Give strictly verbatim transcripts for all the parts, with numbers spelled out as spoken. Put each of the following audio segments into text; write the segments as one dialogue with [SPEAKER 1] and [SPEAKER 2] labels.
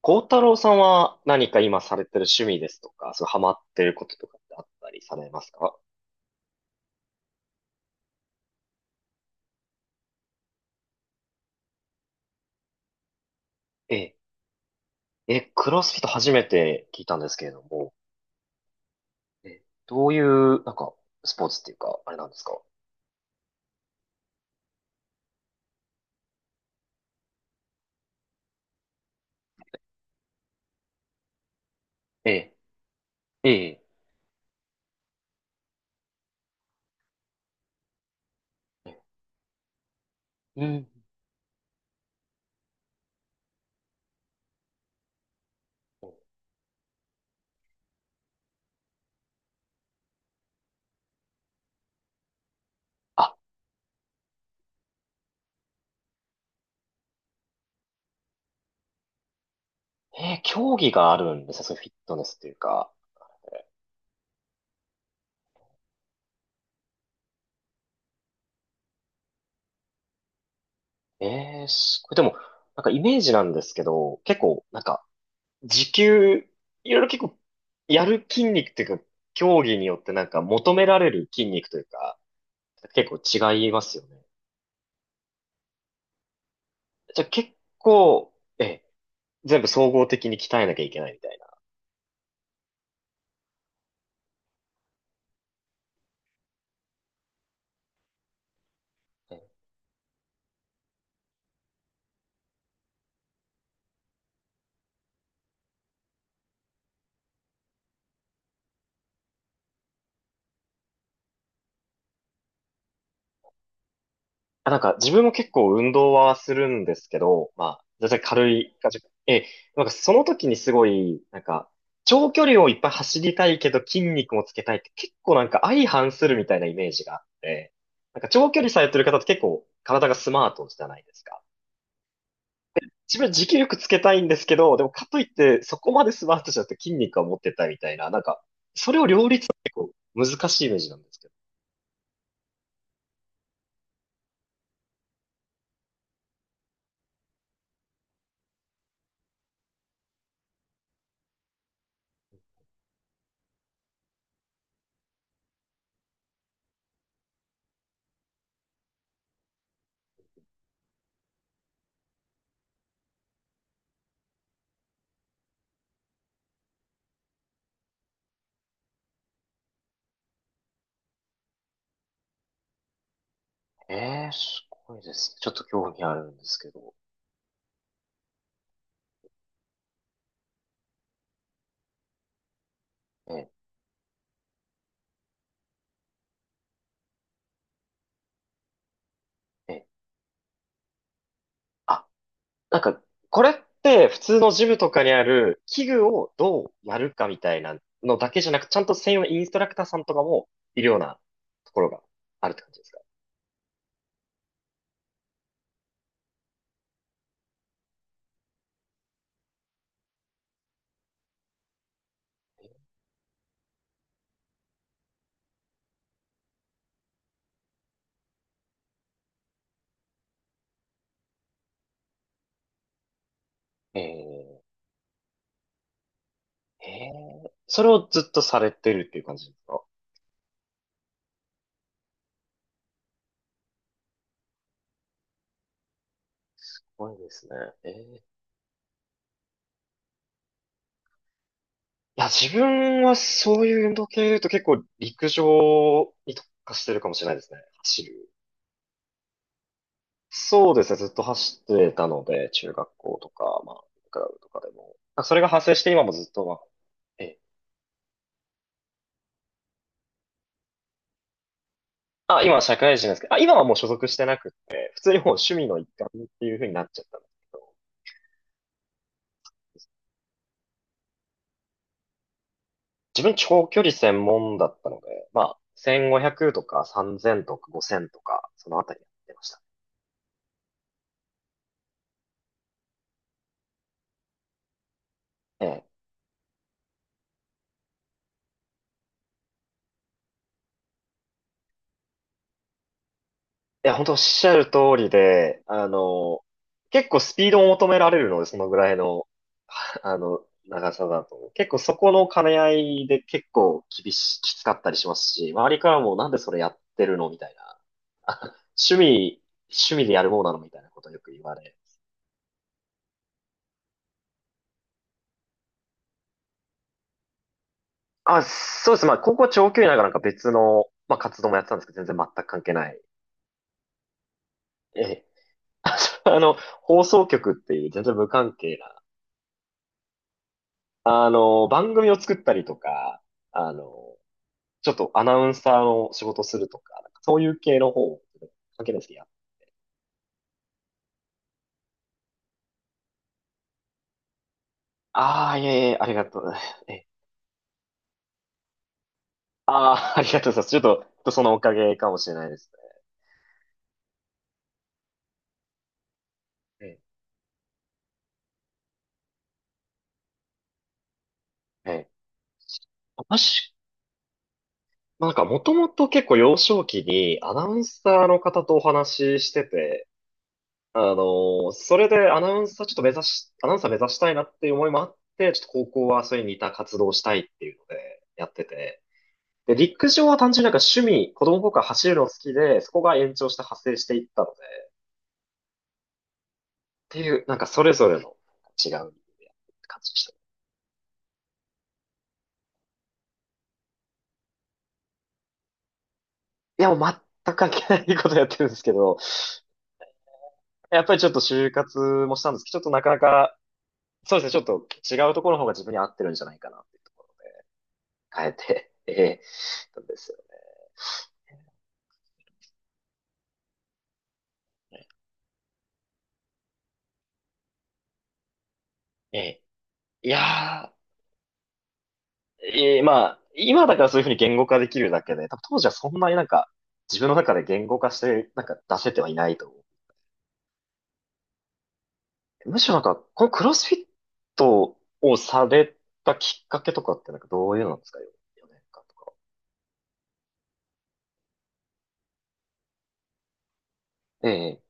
[SPEAKER 1] 孝太郎さんは何か今されてる趣味ですとか、そう、ハマってることとかってあったりされますか？ええ、え、クロスフィット初めて聞いたんですけれども、え、どういう、なんか、スポーツっていうか、あれなんですか？ええ、ええ、えうん。あ、ええ、競技があるんですね、そういうフィットネスっていうか。ええ、すこれでも、なんかイメージなんですけど、結構、なんか、時給、いろいろ結構、やる筋肉っていうか、競技によってなんか求められる筋肉というか、結構違いますよね。じゃあ結構、ええ、全部総合的に鍛えなきゃいけないみたいな。ええあ、なんか自分も結構運動はするんですけど、まあ、全然軽い感じ。ええ、なんかその時にすごい、なんか、長距離をいっぱい走りたいけど筋肉もつけたいって結構なんか相反するみたいなイメージがあって、なんか長距離されてる方って結構体がスマートじゃないですか。自分は持久力つけたいんですけど、でもかといってそこまでスマートじゃなくて筋肉は持ってたみたいな、なんか、それを両立って結構難しいイメージなんですけど。ええ、すごいですね。ちょっと興味あるんですけど。ええ、ええ。あ、なんか、これって普通のジムとかにある器具をどうやるかみたいなのだけじゃなく、ちゃんと専用のインストラクターさんとかもいるようなところがあるって感じですか？ええ、ええ、それをずっとされてるっていう感じですか？すごいですね。ええ。いや、自分はそういう運動系で言うと結構陸上に特化してるかもしれないですね。走る。そうですね。ずっと走ってたので、中学校とか、まあ、クラブとかでも。あそれが発生して今もずっと、まあ、ええ。あ、今は社会人ですけど、あ、今はもう所属してなくて、普通にもう趣味の一環っていう風になっちゃったんですけど、自分長距離専門だったので、まあ、せんごひゃくとかさんぜんとかごせんとか、そのあたりやってました。ええいや、本当おっしゃる通りで、あの、結構スピードを求められるので、そのぐらいの、あの、長さだと。結構そこの兼ね合いで結構厳し、きつかったりしますし、周りからもなんでそれやってるのみたいな。あ趣味、趣味でやるものなのみたいなことをよく言われ。あ、そうです。まあ、高校長距離ながらなんか別の、まあ、活動もやってたんですけど、全然全く関係ない。ええ、あそうあの、放送局っていう全然無関係な、あの、番組を作ったりとか、あの、ちょっとアナウンサーの仕事するとか、なんかそういう系の方をかけいですけど、いや。ああ、いえいえ、ありがとう。え、ああ、ありがとうございます。ちょっと、ちょっとそのおかげかもしれないですね。ええ、ええ。私、なんかもともと結構幼少期にアナウンサーの方とお話ししてて、あのーそれでアナウンサーちょっと目指し、アナウンサー目指したいなっていう思いもあって、ちょっと高校はそれに似た活動をしたいっていうのでやってて、で、陸上は単純になんか趣味、子供の頃から走るの好きで、そこが延長して派生していったので、っていう、なんかそれぞれの違う感じでした。いや、もう全く関係ないことやってるんですけど、やっぱりちょっと就活もしたんですけど、ちょっとなかなか、そうですね、ちょっと違うところの方が自分に合ってるんじゃないかなっていうところを変えて、ええ、なんですよ。ええ。いやー、ええ、まあ、今だからそういうふうに言語化できるだけで、多分当時はそんなになんか、自分の中で言語化して、なんか出せてはいないと思。むしろなんか、このクロスフィットをされたきっかけとかってなんかどういうのなんですか？ よ 年間とか。ええ。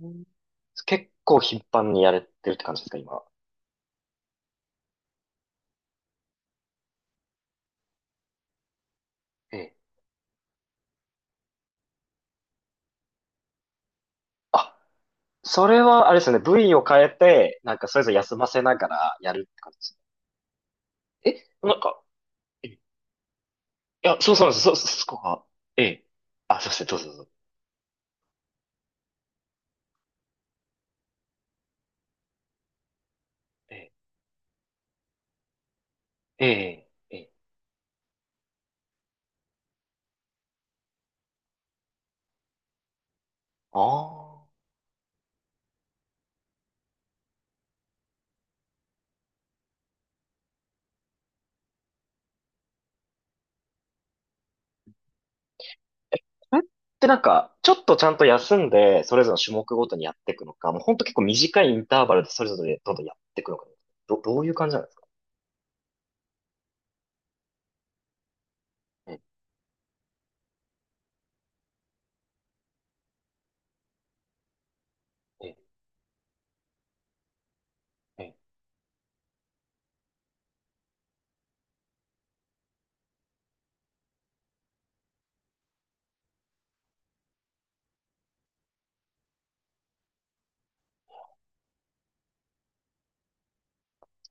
[SPEAKER 1] うん結構頻繁にやれてるって感じですか、今。ええ。あ、それはあれですよね。部位を変えて、なんかそれぞれ休ませながらやるって感じですね。え、なんか、えいや、そうそうなんです。そ、そそこが。ええ。あ、すいません。どうぞどうぞ。ええ。ええ。ええ。ああ。それってなんか、ちょっとちゃんと休んで、それぞれの種目ごとにやっていくのか、もうほんと結構短いインターバルでそれぞれどんどんやっていくのか、ど、どういう感じなんですか？え、え、え、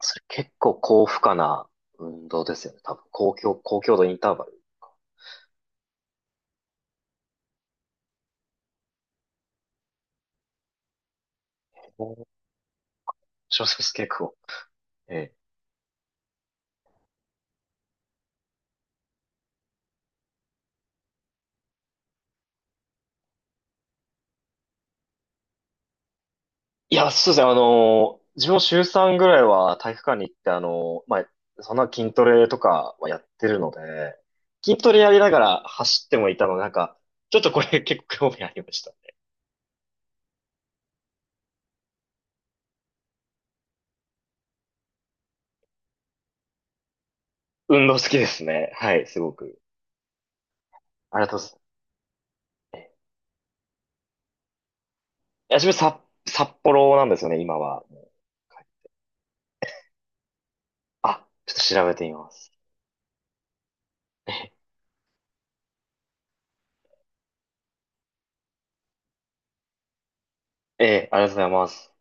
[SPEAKER 1] それ結構高負荷な運動ですよね。多分、高強、高強度インターバルか。小説結構。ええ。いや、そうですね。あのー自分も週さんぐらいは体育館に行って、あのーまあ、そんな筋トレとかはやってるので、筋トレやりながら走ってもいたので、なんか、ちょっとこれ結構興味ありました。運動好きですね。はい、すごく。ありがとうございます。えいや、自分札、札幌なんですよね、今は。はいあ、ちょっと調べてみます。ええ、ありがとうございます。